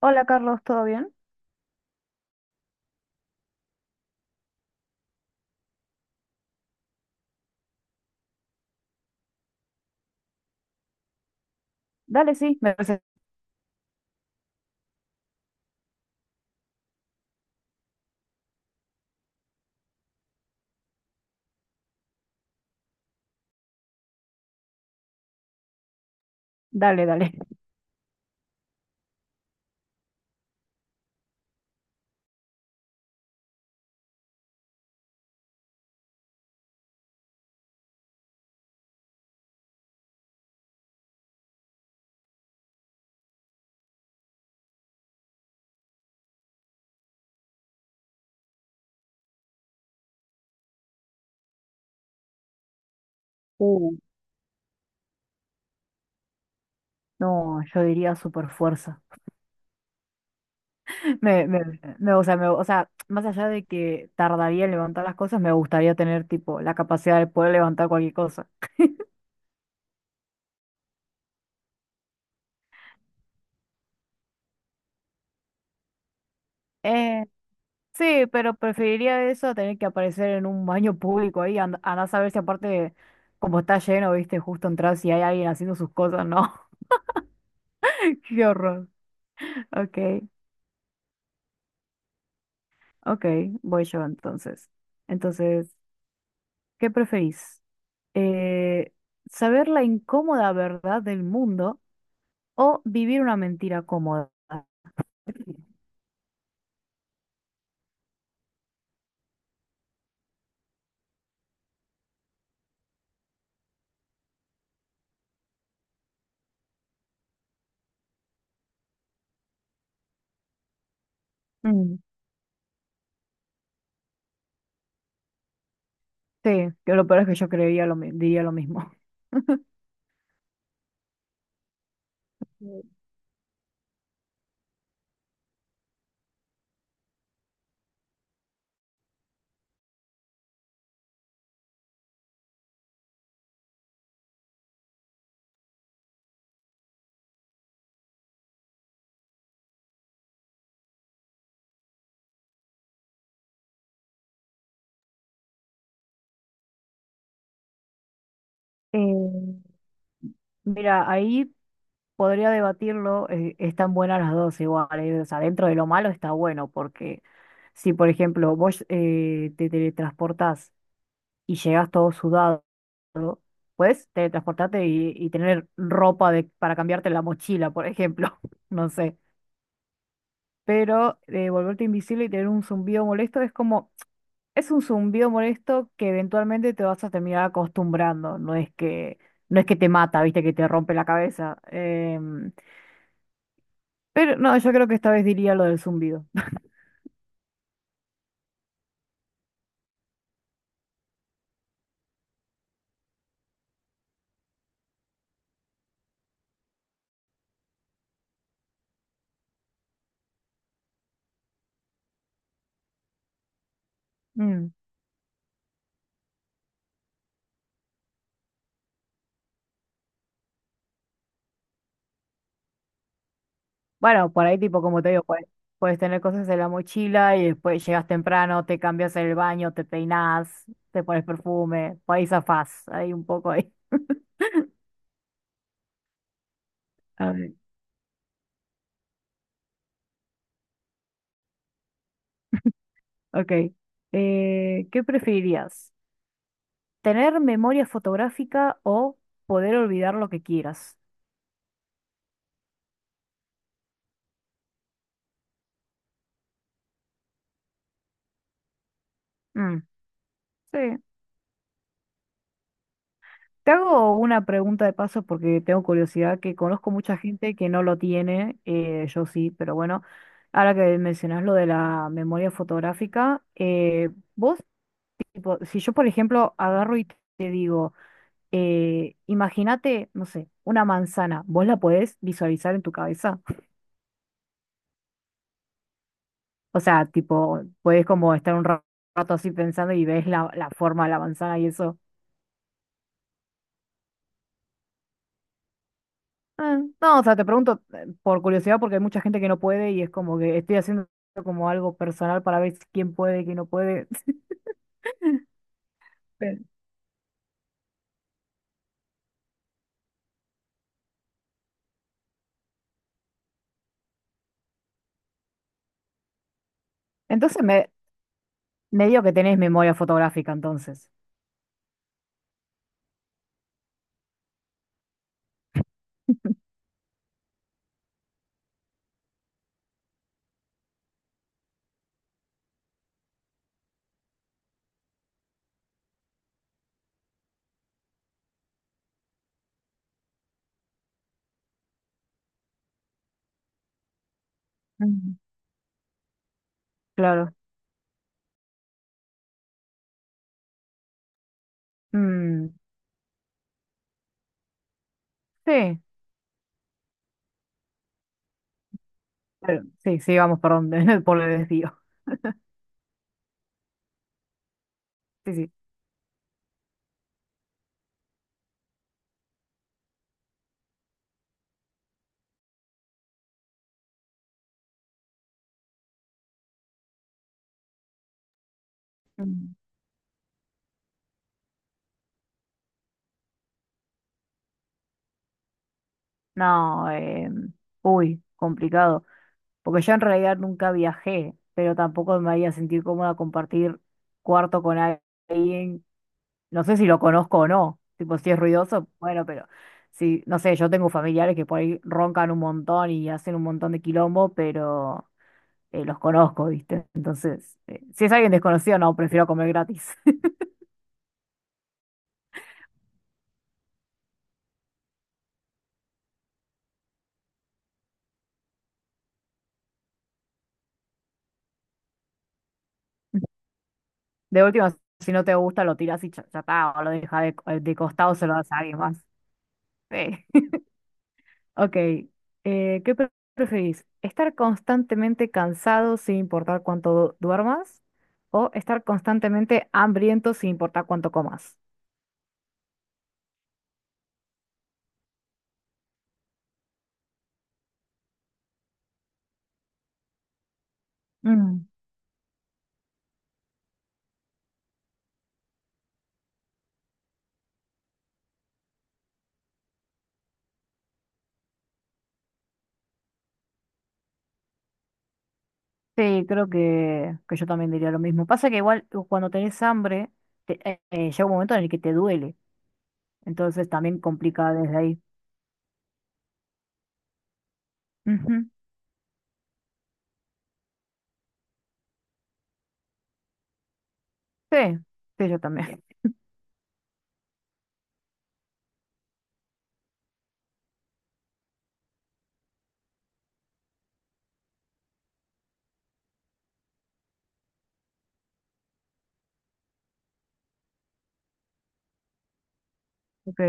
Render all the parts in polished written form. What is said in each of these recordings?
Hola Carlos, ¿todo bien? Dale, sí, me parece. Dale, dale. Uh, no, yo diría super fuerza. Me, me, o sea, más allá de que tardaría en levantar las cosas, me gustaría tener tipo la capacidad de poder levantar cualquier cosa. Eh, sí, pero preferiría eso a tener que aparecer en un baño público ahí, andá a saber si aparte como está lleno, viste, justo entras y hay alguien haciendo sus cosas, ¿no? Qué horror. Ok, ok, voy yo entonces. Entonces, ¿qué preferís? Eh, ¿Saber la incómoda verdad del mundo o vivir una mentira cómoda? Mm, sí, que lo peor es que yo creería diría lo mismo. Mm. Eh, Mira, ahí podría debatirlo, están buenas las dos igual, o sea, dentro de lo malo está bueno, porque si por ejemplo vos te teletransportás y llegas todo sudado, puedes teletransportarte y tener ropa de, para cambiarte la mochila, por ejemplo, no sé. Pero volverte invisible y tener un zumbido molesto es como, es un zumbido molesto que eventualmente te vas a terminar acostumbrando, no es que, no es que te mata, viste, que te rompe la cabeza. Em, pero no, yo creo que esta vez diría lo del zumbido. Mm. Bueno, por ahí tipo, como te digo, puedes, puedes tener cosas en la mochila y después llegas temprano, te cambias en el baño, te peinas, te pones perfume, por ahí zafás, ahí un poco ahí. A ver, ok. ¿Qué preferirías? Tener memoria fotográfica o poder olvidar lo que quieras. Mm, sí. Te hago una pregunta de paso porque tengo curiosidad, que conozco mucha gente que no lo tiene, yo sí, pero bueno, ahora que mencionas lo de la memoria fotográfica, vos, tipo, si yo por ejemplo agarro y te digo, imagínate, no sé, una manzana, ¿vos la podés visualizar en tu cabeza? O sea, tipo, ¿podés como estar un rato así pensando y ves la, la forma de la manzana y eso? Ah, no, o sea, te pregunto por curiosidad porque hay mucha gente que no puede y es como que estoy haciendo como algo personal para ver quién puede, quién no puede. Pero- Entonces me digo que tenés memoria fotográfica entonces. Mm. Claro. Mm, sí, sí, sí, vamos, perdón, por el desvío. Sí, sí. Mm. No, uy, complicado. Porque yo en realidad nunca viajé, pero tampoco me había sentido cómoda compartir cuarto con alguien. No sé si lo conozco o no. Tipo, si es ruidoso, bueno, pero sí, no sé, yo tengo familiares que por ahí roncan un montón y hacen un montón de quilombo, pero los conozco, ¿viste? Entonces, si es alguien desconocido, no, prefiero comer gratis. De última, si no te gusta, lo tiras y ya está, o lo dejas de costado, se lo das a alguien más. Sí. Ok, ¿qué preferís? ¿Estar constantemente cansado sin importar cuánto duermas? ¿O estar constantemente hambriento sin importar cuánto comas? Mm, sí, creo que yo también diría lo mismo. Pasa que igual cuando tenés hambre, llega un momento en el que te duele. Entonces también complica desde ahí. Ujú. Sí, sí, yo también. Ok.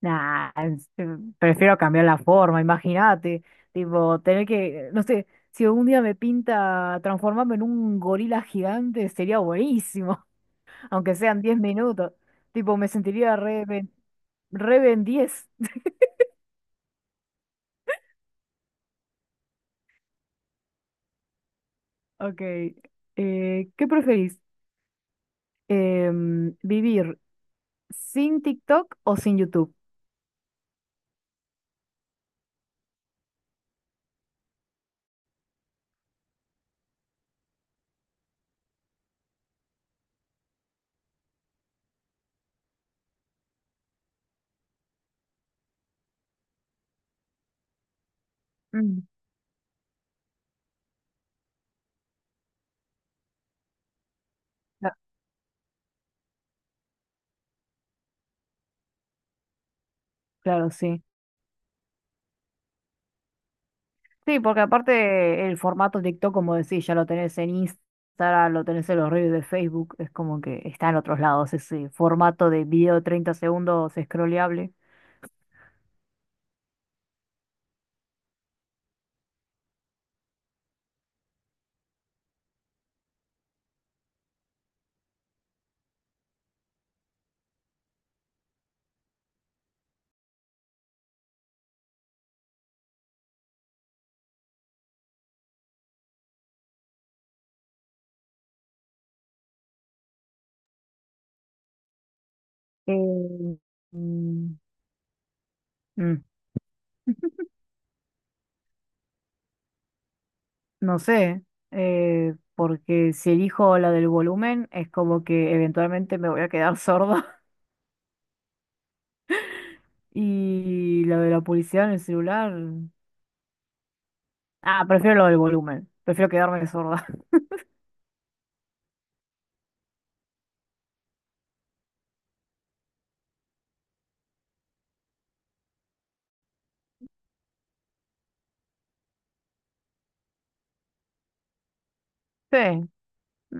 Nah, prefiero cambiar la forma, imagínate. Tipo, tener que, no sé, si algún día me pinta transformarme en un gorila gigante, sería buenísimo, aunque sean 10 minutos. Tipo, me sentiría re Ben 10. Ok, ¿qué preferís? Vivir sin TikTok o sin YouTube. Mm. Cla- Claro, sí. Sí, porque aparte el formato TikTok, como decís, ya lo tenés en Instagram, lo tenés en los reels de Facebook, es como que está en otros lados ese formato de video de 30 segundos scrolleable. Eh, mm, mm, no sé, porque si elijo la del volumen, es como que eventualmente me voy a quedar sorda. Y la de la publicidad en el celular. Ah, prefiero lo del volumen. Prefiero quedarme sorda. Sí,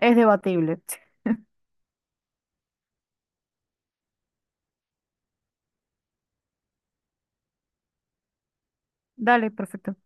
es debatible. Dale, perfecto.